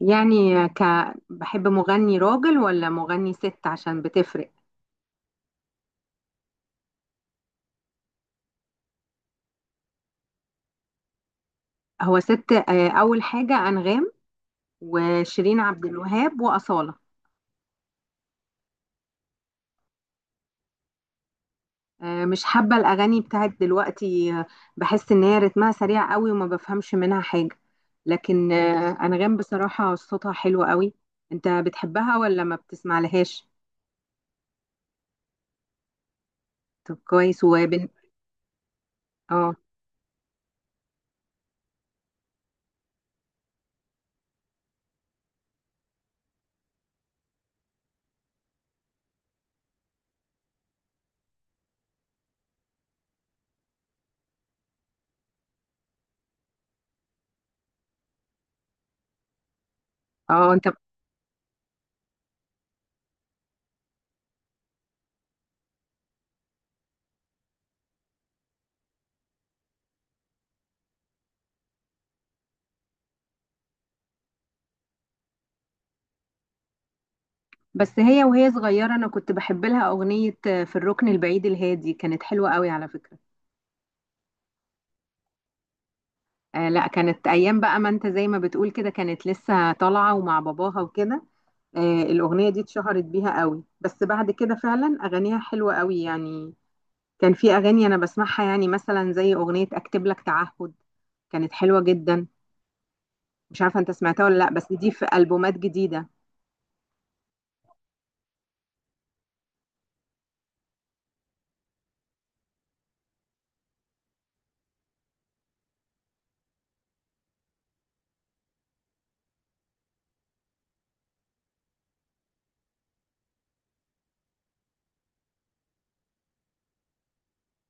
يعني بحب مغني راجل ولا مغني ست عشان بتفرق؟ هو ست، أول حاجة أنغام وشيرين عبد الوهاب وأصالة. مش حابة الأغاني بتاعت دلوقتي، بحس إن هي رتمها سريع قوي وما بفهمش منها حاجة. لكن أنغام بصراحة صوتها حلو قوي. أنت بتحبها ولا ما بتسمع لهاش؟ طب كويس اه اه، بس هي وهي صغيرة أنا كنت بحب لها أغنية في الركن البعيد الهادي، كانت حلوة قوي على فكرة. لا، كانت ايام بقى. ما انت زي ما بتقول كده، كانت لسه طالعه ومع باباها وكده. الاغنيه دي اتشهرت بيها قوي، بس بعد كده فعلا اغانيها حلوه قوي يعني. كان في اغاني انا بسمعها، يعني مثلا زي اغنيه اكتب لك تعهد، كانت حلوه جدا. مش عارفه انت سمعتها ولا لا، بس دي في البومات جديده.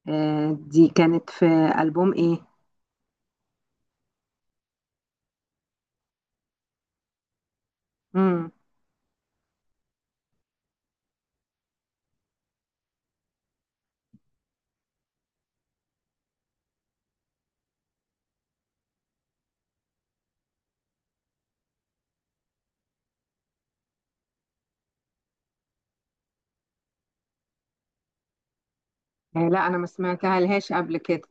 دي كانت في البوم ايه؟ امم لا، انا ما سمعتها لهاش قبل كده.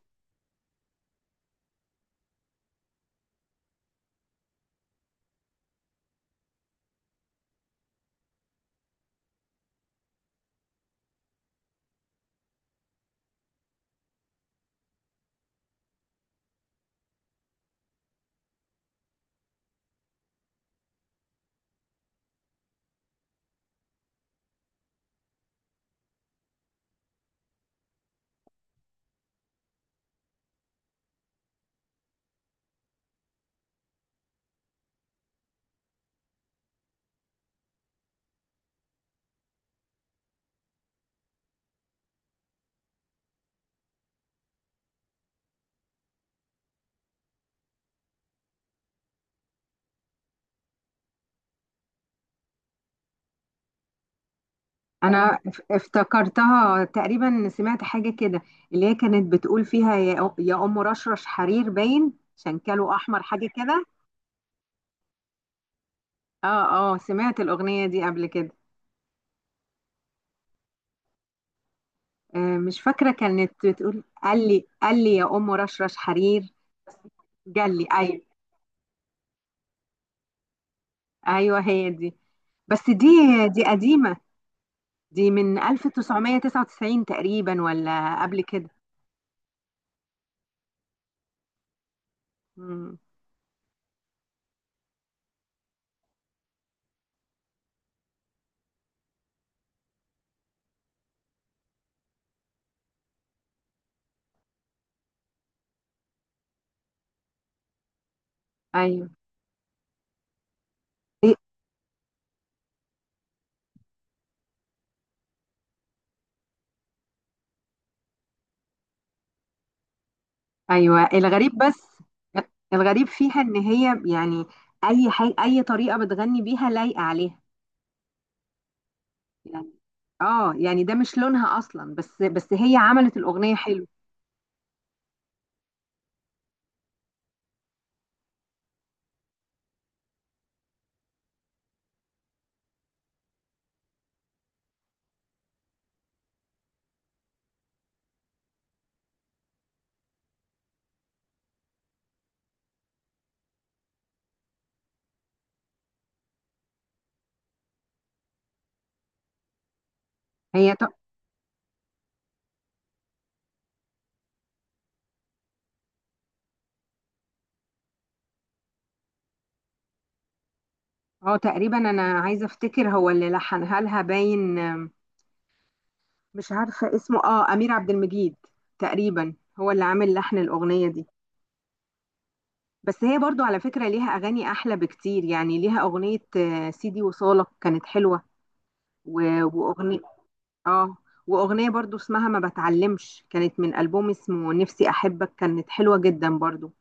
انا افتكرتها تقريبا، سمعت حاجه كده اللي هي كانت بتقول فيها يا ام رشرش حرير، باين شنكله احمر، حاجه كده. اه اه، سمعت الاغنيه دي قبل كده. مش فاكره. كانت بتقول قال لي يا ام رشرش حرير. قال لي، ايوه، ايوه هي دي. بس دي قديمه، دي من 1999 تقريبا ولا قبل كده. مم. ايوه ايوه. الغريب بس، الغريب فيها ان هي يعني اي طريقه بتغني بيها لايقه عليها يعني. اه يعني ده مش لونها اصلا، بس هي عملت الاغنيه حلو. هي ت... اه تقريبا انا عايزه افتكر هو اللي لحنها لها، باين مش عارفه اسمه. اه امير عبد المجيد تقريبا هو اللي عامل لحن الاغنيه دي. بس هي برضو على فكره ليها اغاني احلى بكتير، يعني ليها اغنيه سيدي وصالك كانت حلوه. و... واغنيه اه واغنيه برضو اسمها ما بتعلمش، كانت من البوم اسمه نفسي احبك، كانت حلوه جدا برضو.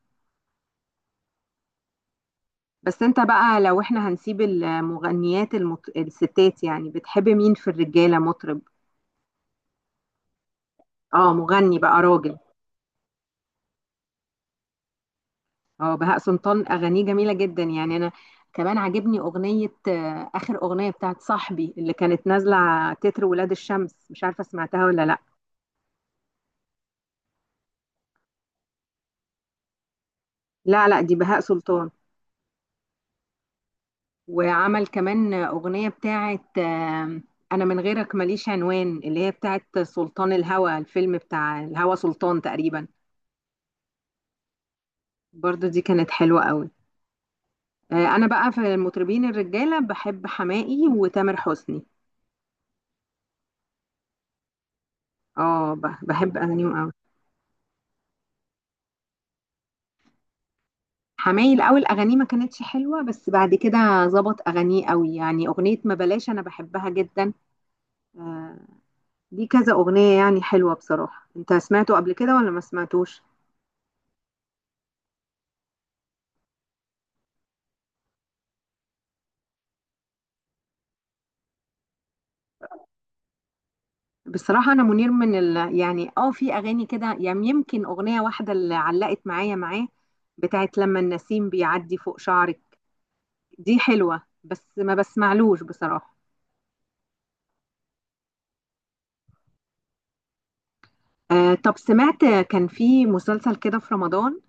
بس انت بقى لو احنا هنسيب المغنيات، الستات، يعني بتحب مين في الرجاله مطرب؟ اه مغني بقى راجل. اه بهاء سلطان اغانيه جميله جدا، يعني انا كمان عاجبني اغنيه، اخر اغنيه بتاعت صاحبي اللي كانت نازله تتر ولاد الشمس. مش عارفه سمعتها ولا لا. لا لا، دي بهاء سلطان. وعمل كمان أغنية بتاعت أنا من غيرك ماليش عنوان، اللي هي بتاعت سلطان الهوى، الفيلم بتاع الهوى سلطان تقريبا. برضو دي كانت حلوة قوي. أنا بقى في المطربين الرجالة بحب حماقي وتامر حسني. اه، بحب أغانيهم قوي. حماقي الأول أغانيه ما كانتش حلوة، بس بعد كده ظبط أغانيه قوي، يعني أغنية ما بلاش أنا بحبها جدا. آه، دي كذا أغنية يعني حلوة بصراحة. أنت سمعته قبل كده ولا ما سمعتوش؟ بصراحة أنا منير يعني في أغاني كده، يعني يمكن أغنية واحدة اللي علقت معايا معاه، بتاعت لما النسيم بيعدي فوق شعرك. دي حلوة بس ما بسمعلوش بصراحة. طب سمعت كان في مسلسل كده في رمضان،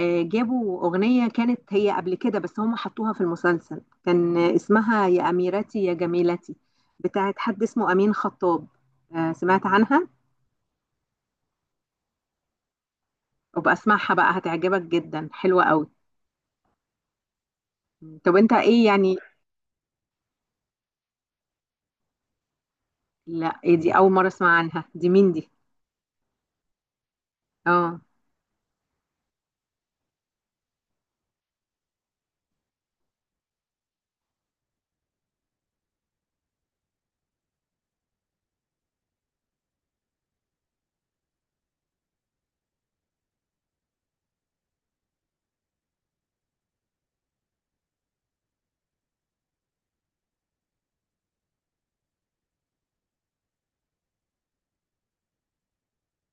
جابوا أغنية كانت هي قبل كده بس هم حطوها في المسلسل، كان اسمها يا أميرتي يا جميلتي، بتاعت حد اسمه أمين خطاب. سمعت عنها؟ وبأسمعها بقى هتعجبك جدا، حلوة قوي. طب انت ايه يعني؟ لا، ايه دي؟ اول مره اسمع عنها. دي مين دي؟ اه،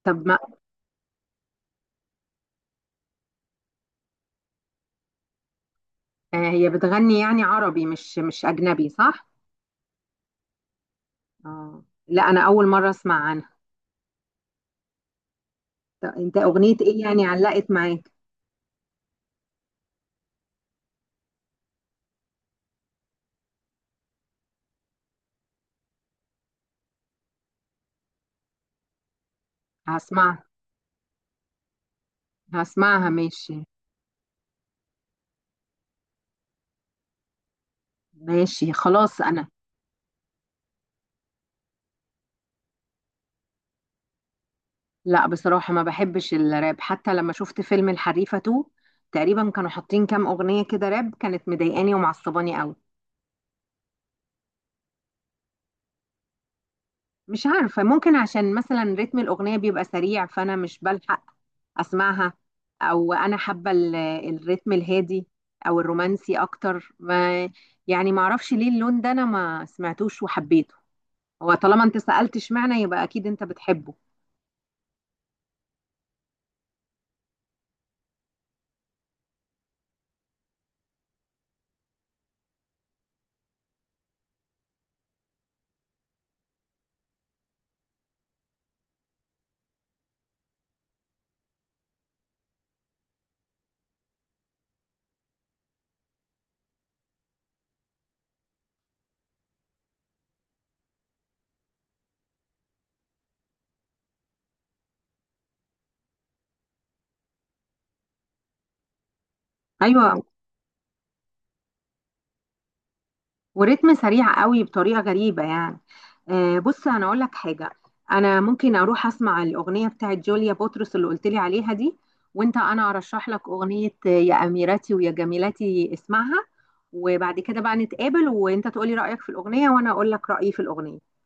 طب ما هي بتغني يعني عربي مش اجنبي، صح؟ اه لا، انا اول مره اسمع عنها. طب انت اغنيه ايه يعني علقت معاك؟ هسمعها، هسمعها ماشي. ماشي خلاص انا. لا بصراحه ما بحبش الراب، حتى لما شفت فيلم الحريفه 2 تقريبا كانوا حاطين كام اغنيه كده راب، كانت مضايقاني ومعصباني قوي. مش عارفة، ممكن عشان مثلا رتم الأغنية بيبقى سريع فأنا مش بلحق أسمعها، أو أنا حابة الرتم الهادي أو الرومانسي أكتر. ما يعني معرفش ليه اللون ده أنا ما سمعتوش وحبيته. هو طالما أنت سألت اشمعنى يبقى أكيد أنت بتحبه. أيوة، وريتم سريع قوي بطريقه غريبه يعني. بص انا اقول لك حاجه. انا ممكن اروح اسمع الاغنيه بتاعت جوليا بطرس اللي قلت لي عليها دي، وانت انا ارشح لك اغنيه يا اميرتي ويا جميلتي، اسمعها. وبعد كده بقى نتقابل وانت تقولي رايك في الاغنيه وانا اقول لك رايي في الاغنيه.